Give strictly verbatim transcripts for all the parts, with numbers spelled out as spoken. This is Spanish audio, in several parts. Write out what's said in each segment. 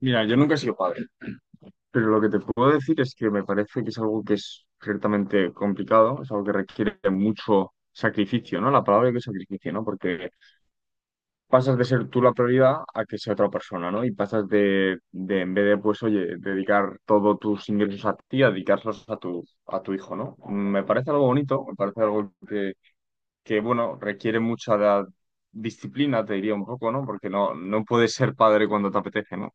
Mira, yo nunca he sido padre, pero lo que te puedo decir es que me parece que es algo que es ciertamente complicado, es algo que requiere mucho sacrificio, ¿no? La palabra que es sacrificio, ¿no? Porque pasas de ser tú la prioridad a que sea otra persona, ¿no? Y pasas de, de en vez de, pues, oye, dedicar todos tus ingresos a ti, a dedicarlos a tu, a tu hijo, ¿no? Me parece algo bonito, me parece algo que, que bueno, requiere mucha da- disciplina, te diría un poco, ¿no? Porque no, no puedes ser padre cuando te apetece, ¿no?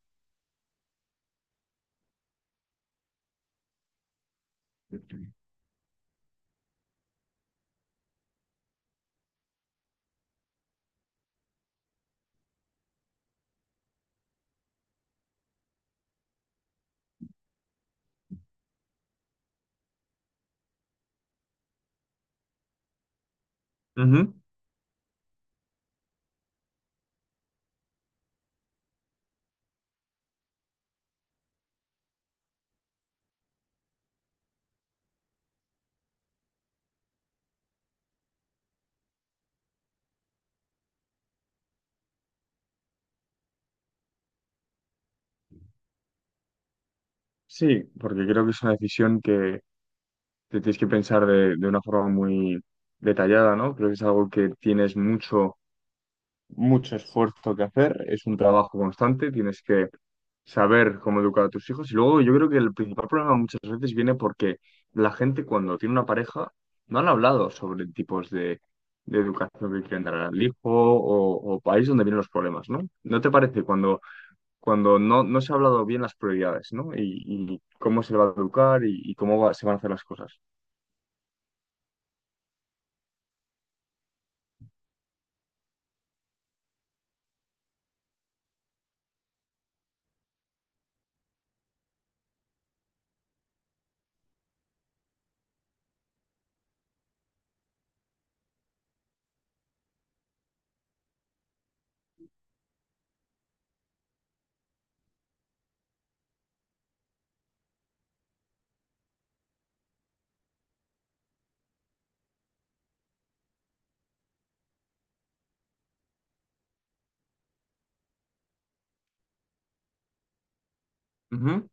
Ujú. Sí, porque creo que es una decisión que te tienes que pensar de, de una forma muy detallada, ¿no? Creo que es algo que tienes mucho, mucho esfuerzo que hacer, es un trabajo constante, tienes que saber cómo educar a tus hijos. Y luego yo creo que el principal problema muchas veces viene porque la gente cuando tiene una pareja no han hablado sobre tipos de, de educación que quieren dar al hijo o, o país donde vienen los problemas, ¿no? ¿No te parece cuando cuando no, no se ha hablado bien las prioridades, ¿no? Y, y cómo se le va a educar y, y cómo va- se van a hacer las cosas. Ujú,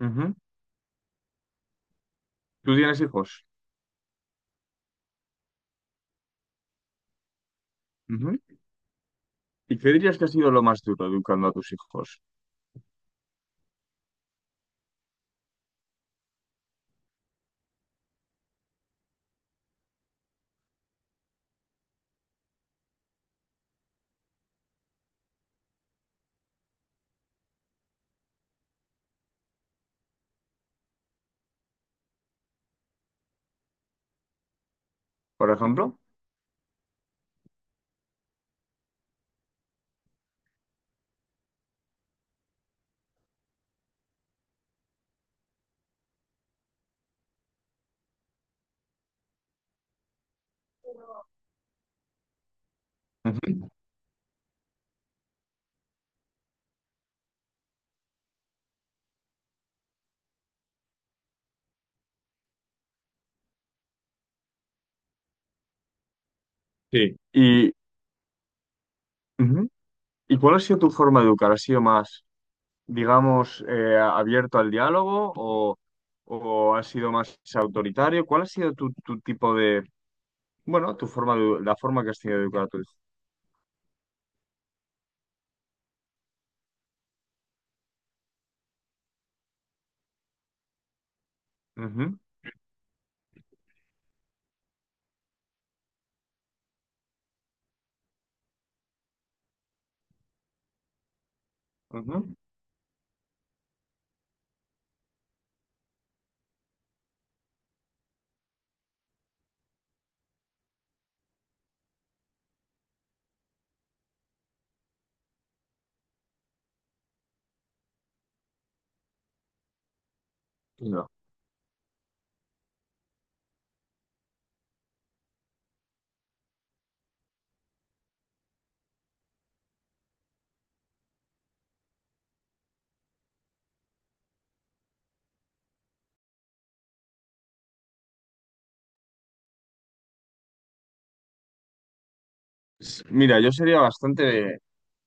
ujú. ¿Tú tienes hijos? Ujú. ¿Y qué dirías que ha sido lo más duro educando a tus hijos, por ejemplo? Ujú. Sí. ¿Y, ujú. ¿Y cuál ha sido tu forma de educar? ¿Ha sido más, digamos, eh, abierto al diálogo o, o ha sido más autoritario? ¿Cuál ha sido tu, tu tipo de, bueno, tu forma de, la forma que has tenido de educar a tu hijo? Ujú, ujú. S- Mira, yo sería bastante,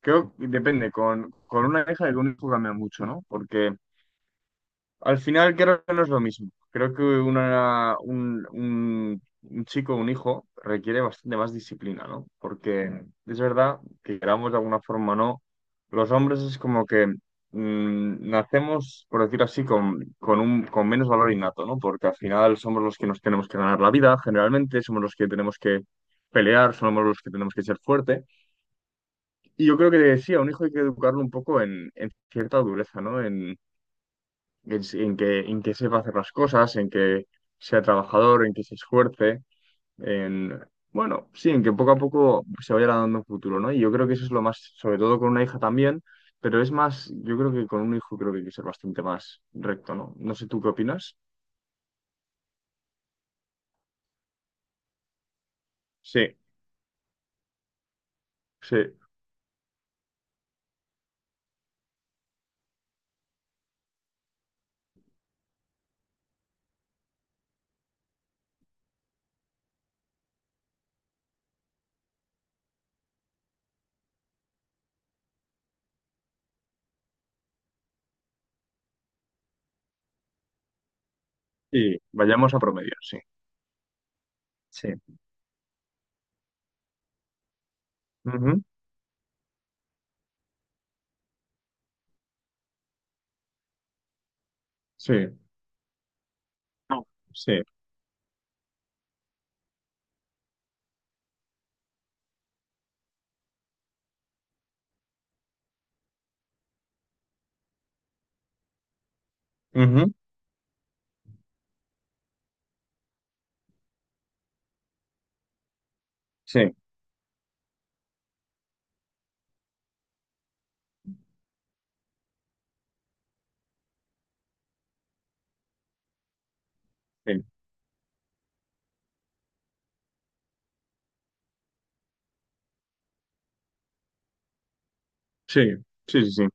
creo que depende, con, con una hija y con un hijo cambia mucho, ¿no? Porque al final creo que no es lo mismo. Creo que una, un, un, un chico, un hijo, requiere bastante más disciplina, ¿no? Porque es verdad que queramos de alguna forma o no, los hombres es como que mm, nacemos, por decir así, con, con, un, con menos valor innato, ¿no? Porque al final somos los que nos tenemos que ganar la vida, generalmente, somos los que tenemos que pelear, somos los que tenemos que ser fuertes. Y yo creo que decía a un hijo hay que educarlo un poco en, en cierta dureza, ¿no? En, en, en que, en que sepa hacer las cosas, en que sea trabajador, en que se esfuerce, en, bueno, sí, en que poco a poco se vaya dando un futuro, ¿no? Y yo creo que eso es lo más, sobre todo con una hija también, pero es más, yo creo que con un hijo creo que hay que ser bastante más recto, ¿no? No sé, ¿tú qué opinas? Sí, sí, sí, vayamos a promedio, sí. Sí. Ujú, sí. No. Sí. Ujú, sí. Sí. Sí. Sí. Sí. Sí.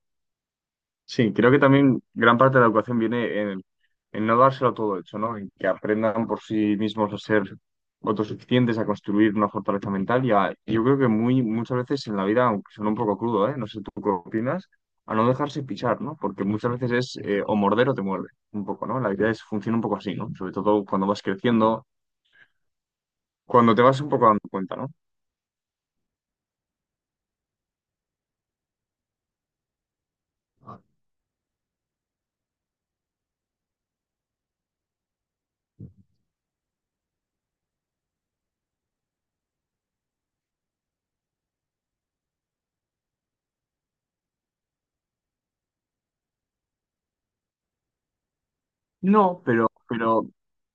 Sí, creo que también gran parte de la educación viene en, en no dárselo todo hecho, ¿no? En que aprendan por sí mismos a ser autosuficientes, a construir una fortaleza mental y a- yo creo que muy, muchas veces en la vida, aunque suena un poco crudo, ¿eh? No sé tú qué opinas, a no dejarse pichar, ¿no? Porque muchas veces es eh, o morder o te muerde, un poco, ¿no? La vida es, funciona un poco así, ¿no? Sobre todo cuando vas creciendo, cuando te vas un poco dando cuenta, ¿no? No, pero, pero,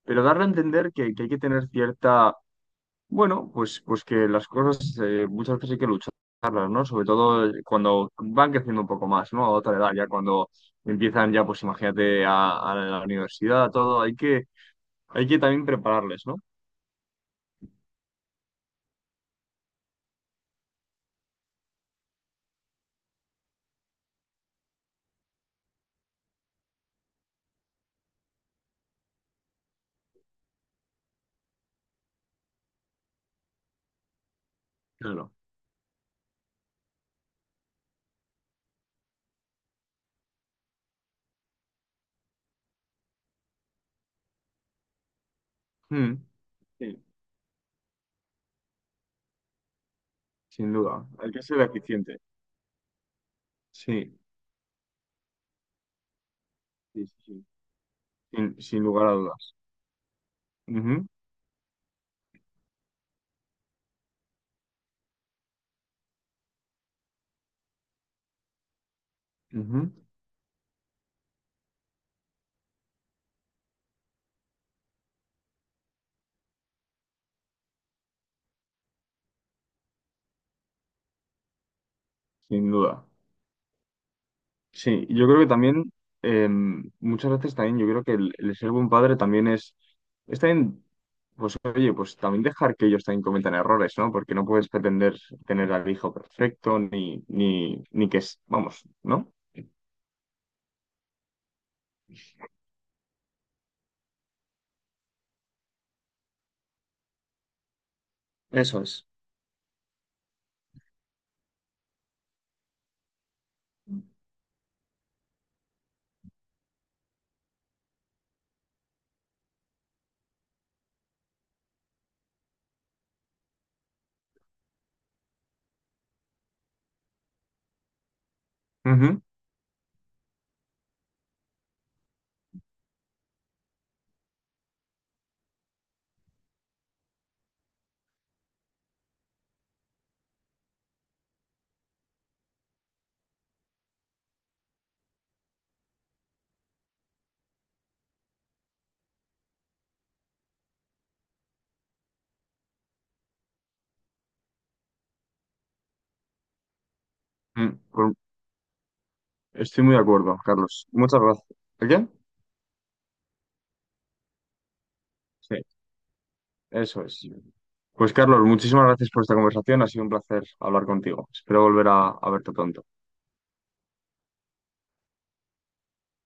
pero darle a entender que, que hay que tener cierta. Bueno, pues, pues que las cosas eh, muchas veces hay que lucharlas, ¿no? Sobre todo eh, cuando van creciendo un poco más, ¿no? A otra edad, ya cuando empiezan ya, pues imagínate, a, a la universidad, a todo, hay que, hay que también prepararles, ¿no? Claro. Mm, sí, sin duda. Hay que ser eficiente. Sí, sí, sí, sí. Sin, sin lugar a dudas. Ujú, ujú, sin duda. Sí, yo creo que también, em, muchas veces también, yo creo que el, el ser buen padre también es, es también, pues oye, pues también dejar que ellos también cometan errores, ¿no? Porque no puedes pretender tener al hijo perfecto, ni, ni, ni que es, vamos, ¿no? Eso es. Ujú. Mm, pues estoy muy de acuerdo, Carlos. Muchas gracias. ¿El qué? Sí, eso es. Pues Carlos, muchísimas gracias por esta conversación, ha sido un placer hablar contigo. Espero volver a a verte pronto.